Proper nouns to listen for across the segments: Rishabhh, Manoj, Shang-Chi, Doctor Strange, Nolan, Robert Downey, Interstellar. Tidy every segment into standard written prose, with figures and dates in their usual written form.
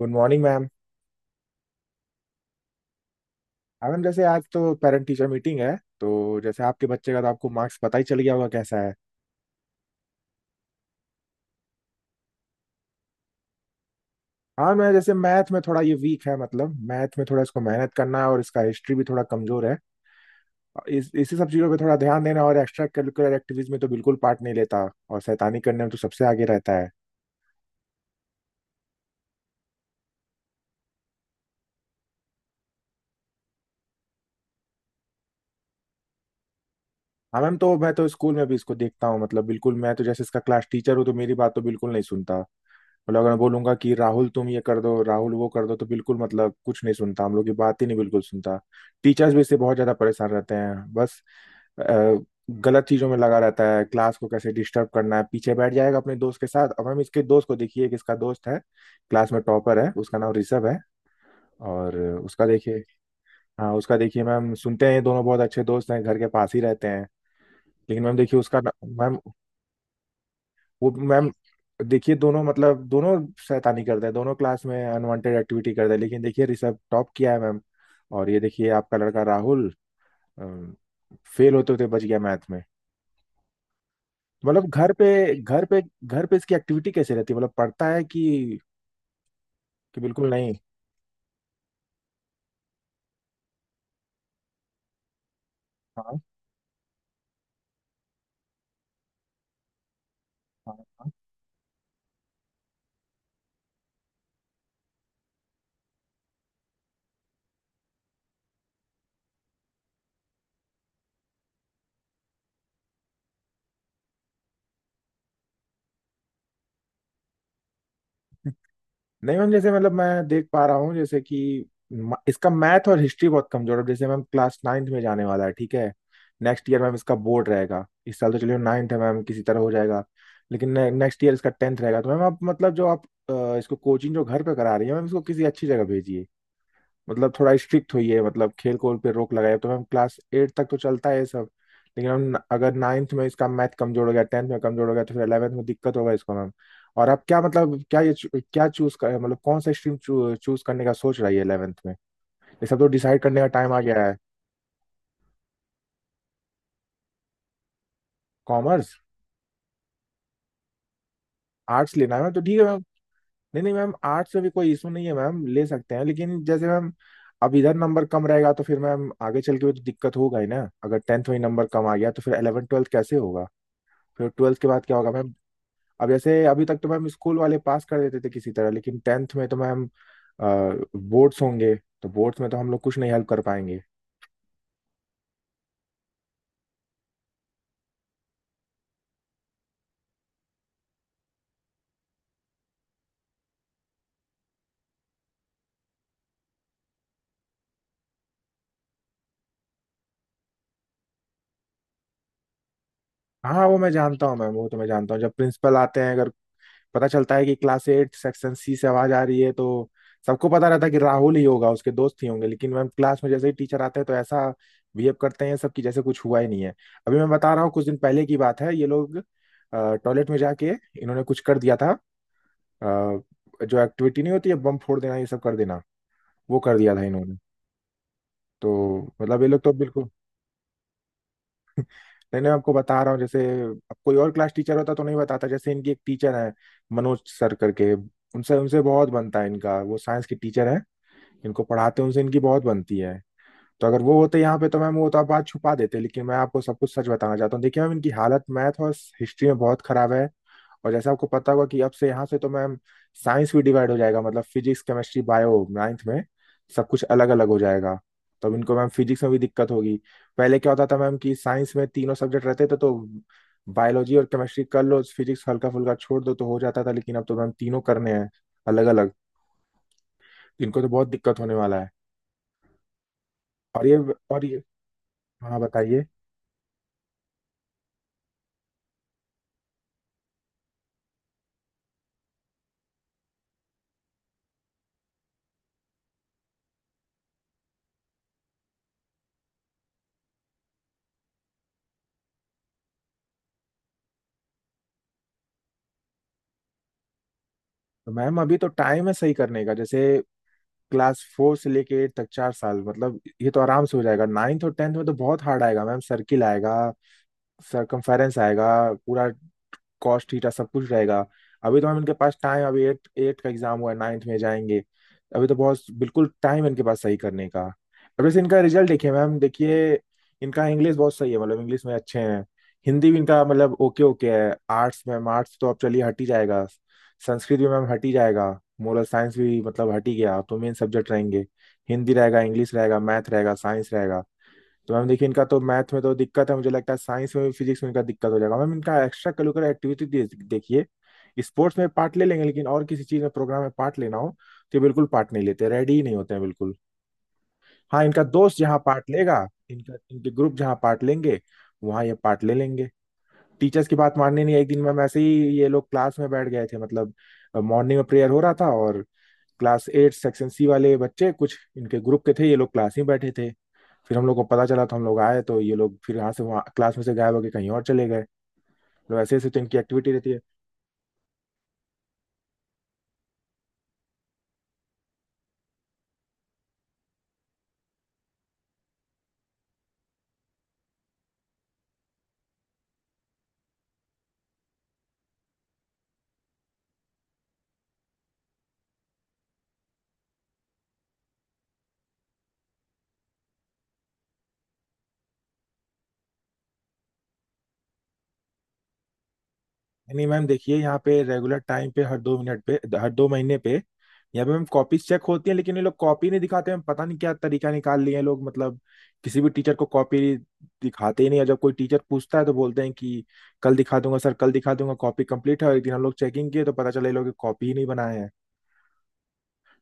Good morning ma'am. हाँ ma'am, जैसे आज तो पेरेंट टीचर मीटिंग है, तो जैसे आपके बच्चे का तो आपको मार्क्स पता ही चल गया होगा, कैसा है? हाँ मैं, जैसे मैथ में थोड़ा ये वीक है, मतलब मैथ में थोड़ा इसको मेहनत करना है, और इसका हिस्ट्री भी थोड़ा कमजोर है। इस इसी सब चीज़ों पे थोड़ा ध्यान देना, और एक्स्ट्रा करिकुलर एक्टिविटीज में तो बिल्कुल पार्ट नहीं लेता, और शैतानी करने में तो सबसे आगे रहता है। हाँ मैम, तो मैं तो स्कूल में भी इसको देखता हूँ, मतलब बिल्कुल, मैं तो जैसे इसका क्लास टीचर हूँ, तो मेरी बात तो बिल्कुल नहीं सुनता। मतलब अगर मैं बोलूंगा कि राहुल तुम ये कर दो, राहुल वो कर दो, तो बिल्कुल मतलब कुछ नहीं सुनता, हम लोग की बात ही नहीं बिल्कुल सुनता। टीचर्स भी इससे बहुत ज्यादा परेशान रहते हैं। बस अ, गलत चीजों में लगा रहता है, क्लास को कैसे डिस्टर्ब करना है। पीछे बैठ जाएगा अपने दोस्त के साथ। अब हम इसके दोस्त को देखिए, कि इसका दोस्त है, क्लास में टॉपर है, उसका नाम ऋषभ है। और उसका देखिए, हाँ उसका देखिए मैम, सुनते हैं ये दोनों बहुत अच्छे दोस्त हैं, घर के पास ही रहते हैं। लेकिन मैम देखिए उसका मैम, वो मैम, देखिए दोनों, मतलब दोनों शैतानी करते हैं, दोनों क्लास में अनवांटेड एक्टिविटी करते हैं, लेकिन देखिए ऋषभ टॉप किया है मैम। और ये देखिए आपका लड़का राहुल, फेल होते होते बच गया मैथ में। मतलब घर पे घर पे इसकी एक्टिविटी कैसे रहती है? मतलब पढ़ता है कि बिल्कुल नहीं? हाँ हाँ। नहीं मैम, जैसे मतलब मैं देख पा रहा हूँ, जैसे कि इसका मैथ और हिस्ट्री बहुत कमजोर है। जैसे मैम क्लास नाइन्थ में जाने वाला है, ठीक है। नेक्स्ट ईयर मैम इसका बोर्ड रहेगा। इस साल तो चलिए नाइन्थ है मैम, किसी तरह हो जाएगा। लेकिन नेक्स्ट ईयर इसका टेंथ रहेगा। तो मैम आप, मतलब जो आप इसको कोचिंग जो घर पे करा रही है मैम, इसको किसी अच्छी जगह भेजिए, मतलब थोड़ा स्ट्रिक्ट हुई है, मतलब खेल कूद पे रोक लगाई है। तो मैम क्लास एट तक तो चलता है ये सब, लेकिन हम अगर नाइन्थ में इसका मैथ कमजोर हो गया, टेंथ में कमजोर हो गया, तो फिर 11th में दिक्कत होगा इसको मैम। और आप क्या, मतलब क्या ये क्या चूज कर, मतलब कौन सा स्ट्रीम चूज करने का सोच रही है 11th में? ये सब तो डिसाइड करने का टाइम आ गया है। कॉमर्स आर्ट्स लेना है मैम, तो ठीक है मैम। नहीं नहीं मैम, आर्ट्स में भी कोई इशू नहीं है मैम, ले सकते हैं, लेकिन जैसे मैम अब इधर नंबर कम रहेगा तो फिर मैम आगे चल के भी तो दिक्कत होगा ही ना। अगर टेंथ में ही नंबर कम आ गया तो फिर 11 ट्वेल्थ कैसे होगा? फिर ट्वेल्थ के बाद क्या होगा मैम? अब जैसे अभी तक तो मैम स्कूल वाले पास कर देते थे किसी तरह, लेकिन टेंथ में तो मैम बोर्ड्स होंगे, तो बोर्ड्स में तो हम लोग कुछ नहीं हेल्प कर पाएंगे। हाँ वो मैं जानता हूँ मैम, वो तो मैं जानता हूँ, जब प्रिंसिपल आते हैं, अगर पता चलता है कि क्लास एट सेक्शन सी से आवाज आ रही है, तो सबको पता रहता है कि राहुल ही होगा, उसके दोस्त ही होंगे। लेकिन मैम क्लास में जैसे ही टीचर आते हैं, तो ऐसा बिहेव करते हैं सब, कि जैसे कुछ हुआ ही नहीं है। अभी मैं बता रहा हूँ, कुछ दिन पहले की बात है, ये लोग टॉयलेट में जाके इन्होंने कुछ कर दिया था। अ, जो एक्टिविटी नहीं होती है, बम फोड़ देना, ये सब कर देना, वो कर दिया था इन्होंने। तो मतलब ये लोग तो बिल्कुल। नहीं नहीं, मैं आपको बता रहा हूँ, जैसे अब कोई और क्लास टीचर होता तो नहीं बताता। जैसे इनकी एक टीचर है, मनोज सर करके, उनसे उनसे बहुत बनता है इनका, वो साइंस की टीचर है, इनको पढ़ाते हैं, उनसे इनकी बहुत बनती है। तो अगर वो होते यहाँ पे तो मैम वो तो आप बात छुपा देते, लेकिन मैं आपको सब कुछ सच बताना चाहता हूँ। देखिए मैम इनकी हालत मैथ और हिस्ट्री में बहुत खराब है। और जैसे आपको पता होगा कि अब से यहाँ से तो मैम साइंस भी डिवाइड हो जाएगा, मतलब फिजिक्स केमिस्ट्री बायो नाइन्थ में सब कुछ अलग अलग हो जाएगा। तब इनको मैम फिजिक्स में भी दिक्कत होगी। पहले क्या होता था मैम कि साइंस में तीनों सब्जेक्ट रहते थे, तो बायोलॉजी और केमिस्ट्री कर लो, फिजिक्स हल्का फुल्का छोड़ दो तो हो जाता था, लेकिन अब तो मैम तीनों करने हैं अलग अलग। इनको तो बहुत दिक्कत होने वाला है। और ये और ये हाँ बताइए। तो मैम अभी तो टाइम है सही करने का। जैसे क्लास फोर से लेके एट तक 4 साल, मतलब ये तो आराम से हो जाएगा, नाइन्थ और टेंथ में तो बहुत हार्ड आएगा मैम। सर्किल आएगा, सरकमफेरेंस आएगा पूरा, कॉस्ट थीटा सब कुछ रहेगा। अभी तो मैम इनके पास टाइम, अभी एट एट का एग्जाम हुआ है, नाइन्थ में जाएंगे, अभी तो बहुत बिल्कुल टाइम इनके पास सही करने का। अब जैसे इनका रिजल्ट देखिए मैम, देखिए इनका इंग्लिश बहुत सही है, मतलब इंग्लिश में अच्छे हैं, हिंदी भी इनका मतलब ओके ओके है। आर्ट्स मैम, आर्ट्स तो अब चलिए हट ही जाएगा, संस्कृत भी मैम हट ही जाएगा, मोरल साइंस भी मतलब हट ही गया। अब तो मेन सब्जेक्ट रहेंगे, हिंदी रहेगा, इंग्लिश रहेगा, मैथ रहेगा, साइंस रहेगा। तो मैम देखिए इनका तो मैथ में तो दिक्कत है, मुझे लगता है साइंस में भी फिजिक्स में इनका दिक्कत हो जाएगा मैम। इनका एक्स्ट्रा करिकुलर एक्टिविटी देखिए, स्पोर्ट्स में पार्ट ले लेंगे, लेकिन और किसी चीज में, प्रोग्राम में पार्ट लेना हो तो ये बिल्कुल पार्ट नहीं लेते, रेडी ही नहीं होते हैं बिल्कुल। हाँ इनका दोस्त जहाँ पार्ट लेगा, इनका इनके ग्रुप जहाँ पार्ट लेंगे, वहाँ ये पार्ट ले लेंगे। टीचर्स की बात माननी नहीं। एक दिन मैम ऐसे ही ये लोग क्लास में बैठ गए थे, मतलब मॉर्निंग में प्रेयर हो रहा था, और क्लास एट सेक्शन सी वाले बच्चे कुछ इनके ग्रुप के थे, ये लोग क्लास में बैठे थे, फिर हम लोग को पता चला तो हम लोग आए, तो ये लोग फिर यहाँ से वहाँ क्लास में से गायब होकर कहीं और चले गए। तो ऐसे ऐसे तो इनकी एक्टिविटी रहती है। नहीं मैम देखिए, यहाँ पे रेगुलर टाइम पे हर 2 मिनट पे, हर 2 महीने पे यहाँ पे मैम कॉपीज चेक होती है, लेकिन ये लोग कॉपी नहीं दिखाते हैं, पता नहीं क्या तरीका निकाल लिए हैं लोग, मतलब किसी भी टीचर को कॉपी दिखाते ही नहीं, और जब कोई टीचर पूछता है तो बोलते हैं कि कल दिखा दूंगा सर, कल दिखा दूंगा, कॉपी कंप्लीट है, और एक दिन हम लोग चेकिंग किए तो पता चला ये लोग कॉपी ही नहीं बनाए हैं।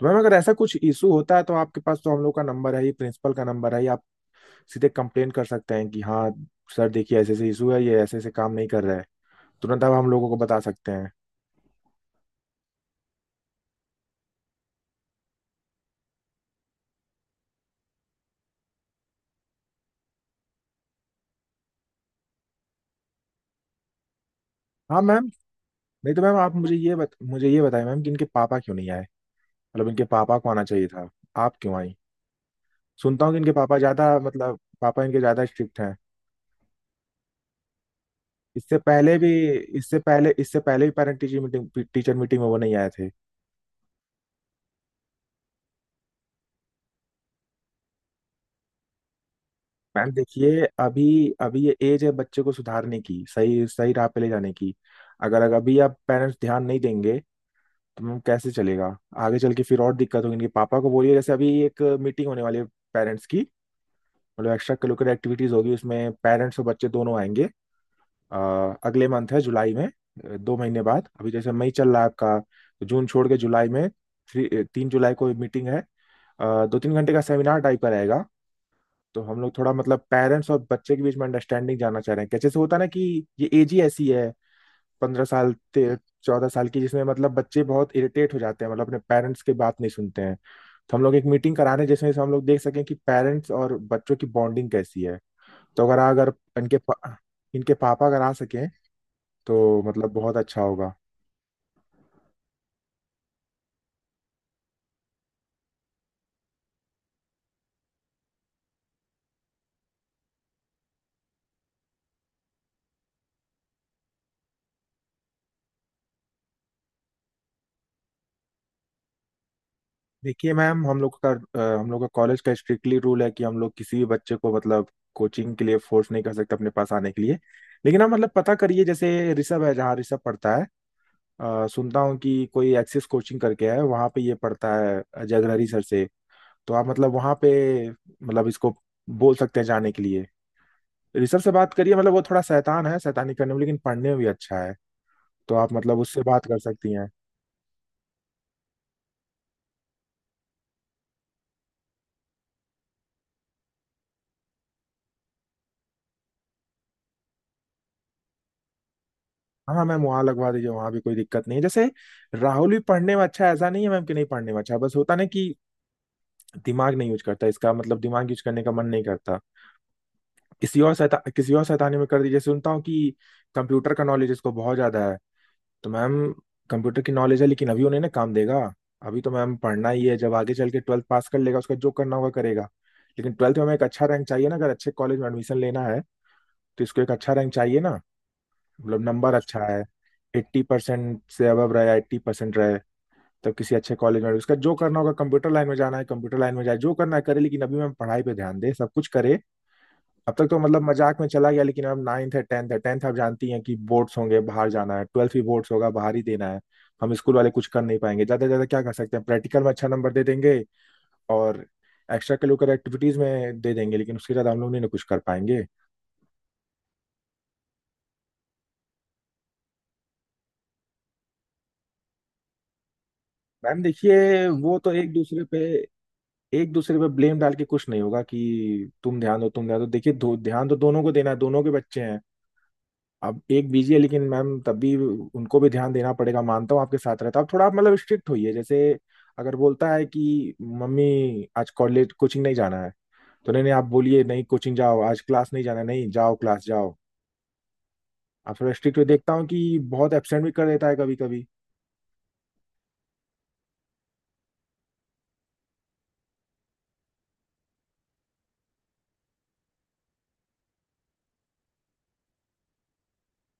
तो मैम अगर ऐसा कुछ इशू होता है तो आपके पास तो हम लोग का नंबर है ही, प्रिंसिपल का नंबर है ही, आप सीधे कंप्लेन कर सकते हैं कि हाँ सर देखिए ऐसे ऐसे इशू है, ये ऐसे ऐसे काम नहीं कर रहा है, तुरंत आप हम लोगों को बता सकते हैं। हाँ मैम। नहीं तो मैम आप मुझे ये मुझे ये बताएं मैम कि इनके पापा क्यों नहीं आए? मतलब इनके पापा को आना चाहिए था, आप क्यों आई? सुनता हूँ कि इनके पापा ज्यादा, मतलब पापा इनके ज्यादा स्ट्रिक्ट हैं। इससे पहले भी, इससे पहले भी पेरेंट टीचर मीटिंग में वो नहीं आए थे। मैम देखिए, अभी अभी ये एज है बच्चे को सुधारने की, सही सही राह पे ले जाने की। अगर अगर अभी आप पेरेंट्स ध्यान नहीं देंगे तो कैसे चलेगा? आगे चल के फिर और दिक्कत होगी। इनके पापा को बोलिए, जैसे अभी एक मीटिंग होने वाली है पेरेंट्स की, मतलब एक्स्ट्रा करिकुलर एक्टिविटीज होगी, उसमें पेरेंट्स और बच्चे दोनों आएंगे। अ, अगले मंथ है, जुलाई में, 2 महीने बाद। अभी जैसे मई चल रहा है आपका, तो जून छोड़ के जुलाई में। थ्री तीन जुलाई को मीटिंग है। 2-3 घंटे का सेमिनार टाइप का रहेगा। तो हम लोग थोड़ा, मतलब पेरेंट्स और बच्चे के बीच में अंडरस्टैंडिंग जानना चाह रहे हैं। कैसे से होता है ना कि ये एज ही ऐसी है, 15 साल 14 साल की, जिसमें मतलब बच्चे बहुत इरिटेट हो जाते हैं, मतलब अपने पेरेंट्स की बात नहीं सुनते हैं। तो हम लोग एक मीटिंग करा रहे हैं जिसमें से हम लोग देख सकें कि पेरेंट्स और बच्चों की बॉन्डिंग कैसी है। तो अगर अगर इनके पा, इनके पापा अगर आ सकें तो मतलब बहुत अच्छा होगा। देखिए मैम हम लोग का कॉलेज का स्ट्रिक्टली रूल है कि हम लोग किसी भी बच्चे को मतलब कोचिंग के लिए फोर्स नहीं कर सकते, अपने पास आने के लिए। लेकिन आप मतलब पता करिए, जैसे ऋषभ है, जहाँ ऋषभ पढ़ता है, सुनता हूँ कि कोई एक्सिस कोचिंग करके है, वहाँ पे ये पढ़ता है जगहरी सर से। तो आप मतलब वहाँ पे, मतलब इसको बोल सकते हैं जाने के लिए। ऋषभ से बात करिए, मतलब वो थोड़ा शैतान है शैतानी करने में, लेकिन पढ़ने में भी अच्छा है, तो आप मतलब उससे बात कर सकती हैं। हाँ हाँ मैम वहाँ लगवा दीजिए, वहाँ भी कोई दिक्कत नहीं है, जैसे राहुल भी पढ़ने में अच्छा है, ऐसा नहीं है मैम कि नहीं पढ़ने में अच्छा है, बस होता ना कि दिमाग नहीं यूज करता, इसका मतलब दिमाग यूज करने का मन नहीं करता। किसी और शैतानी में कर दीजिए। सुनता हूँ कि कंप्यूटर का नॉलेज इसको बहुत ज्यादा है। तो मैम, कंप्यूटर की नॉलेज है, लेकिन अभी उन्हें ना काम देगा। अभी तो मैम पढ़ना ही है। जब आगे चल के ट्वेल्थ पास कर लेगा, उसका जो करना होगा करेगा, लेकिन ट्वेल्थ में हमें एक अच्छा रैंक चाहिए ना, अगर अच्छे कॉलेज में एडमिशन लेना है। तो इसको एक अच्छा रैंक चाहिए ना, मतलब नंबर अच्छा है, 80% से अबव रहे, 80% रहे। तब किसी अच्छे कॉलेज में, उसका जो करना होगा कंप्यूटर लाइन में जाना है, कंप्यूटर लाइन में जाए, जो करना है करे, लेकिन अभी मैम पढ़ाई पे ध्यान दे, सब कुछ करे। अब तक तो मतलब मजाक में चला गया, लेकिन अब नाइन्थ है, टेंथ है। टेंथ आप जानती हैं कि बोर्ड्स होंगे, बाहर जाना है, ट्वेल्थ भी बोर्ड्स होगा, बाहर ही देना है। हम स्कूल वाले कुछ कर नहीं पाएंगे, ज़्यादा से ज़्यादा क्या कर सकते हैं, प्रैक्टिकल में अच्छा नंबर दे देंगे, और एक्स्ट्रा करिकुलर एक्टिविटीज़ में दे देंगे, लेकिन उसके ज़्यादा हम लोग नहीं ना कुछ कर पाएंगे। मैम देखिए, वो तो एक दूसरे पे ब्लेम डाल के कुछ नहीं होगा कि तुम ध्यान दो, तुम ध्यान दो। देखिए ध्यान तो दोनों को देना है, दोनों के बच्चे हैं। अब एक बीजी है, लेकिन मैम तब भी उनको भी ध्यान देना पड़ेगा, मानता हूँ आपके साथ रहता, अब थोड़ा आप मतलब स्ट्रिक्ट होइए। जैसे अगर बोलता है कि मम्मी आज कॉलेज कोचिंग नहीं जाना है, तो नहीं नहीं आप बोलिए नहीं कोचिंग जाओ। आज क्लास नहीं जाना है, नहीं जाओ क्लास जाओ। आप थोड़ा स्ट्रिक्ट हुए, देखता हूँ कि बहुत एबसेंट भी कर देता है कभी कभी।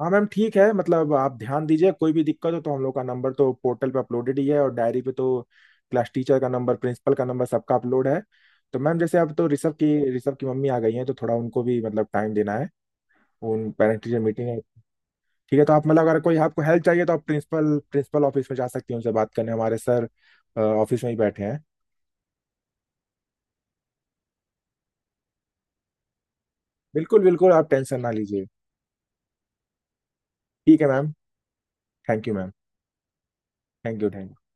हाँ मैम ठीक है, मतलब आप ध्यान दीजिए, कोई भी दिक्कत हो तो हम लोग का नंबर तो पोर्टल पे अपलोडेड ही है, और डायरी पे तो क्लास टीचर का नंबर, प्रिंसिपल का नंबर सबका अपलोड है। तो मैम जैसे अब तो ऋषभ की मम्मी आ गई हैं तो थोड़ा उनको भी मतलब टाइम देना है, उन पेरेंट टीचर मीटिंग है। ठीक है, तो आप मतलब अगर कोई आपको हेल्प चाहिए तो आप प्रिंसिपल प्रिंसिपल ऑफिस में जा सकती हैं, उनसे बात करने, हमारे सर ऑफिस में ही बैठे हैं। बिल्कुल बिल्कुल, आप टेंशन ना लीजिए। ठीक है ma'am. Thank you ma'am. Thank you thank you.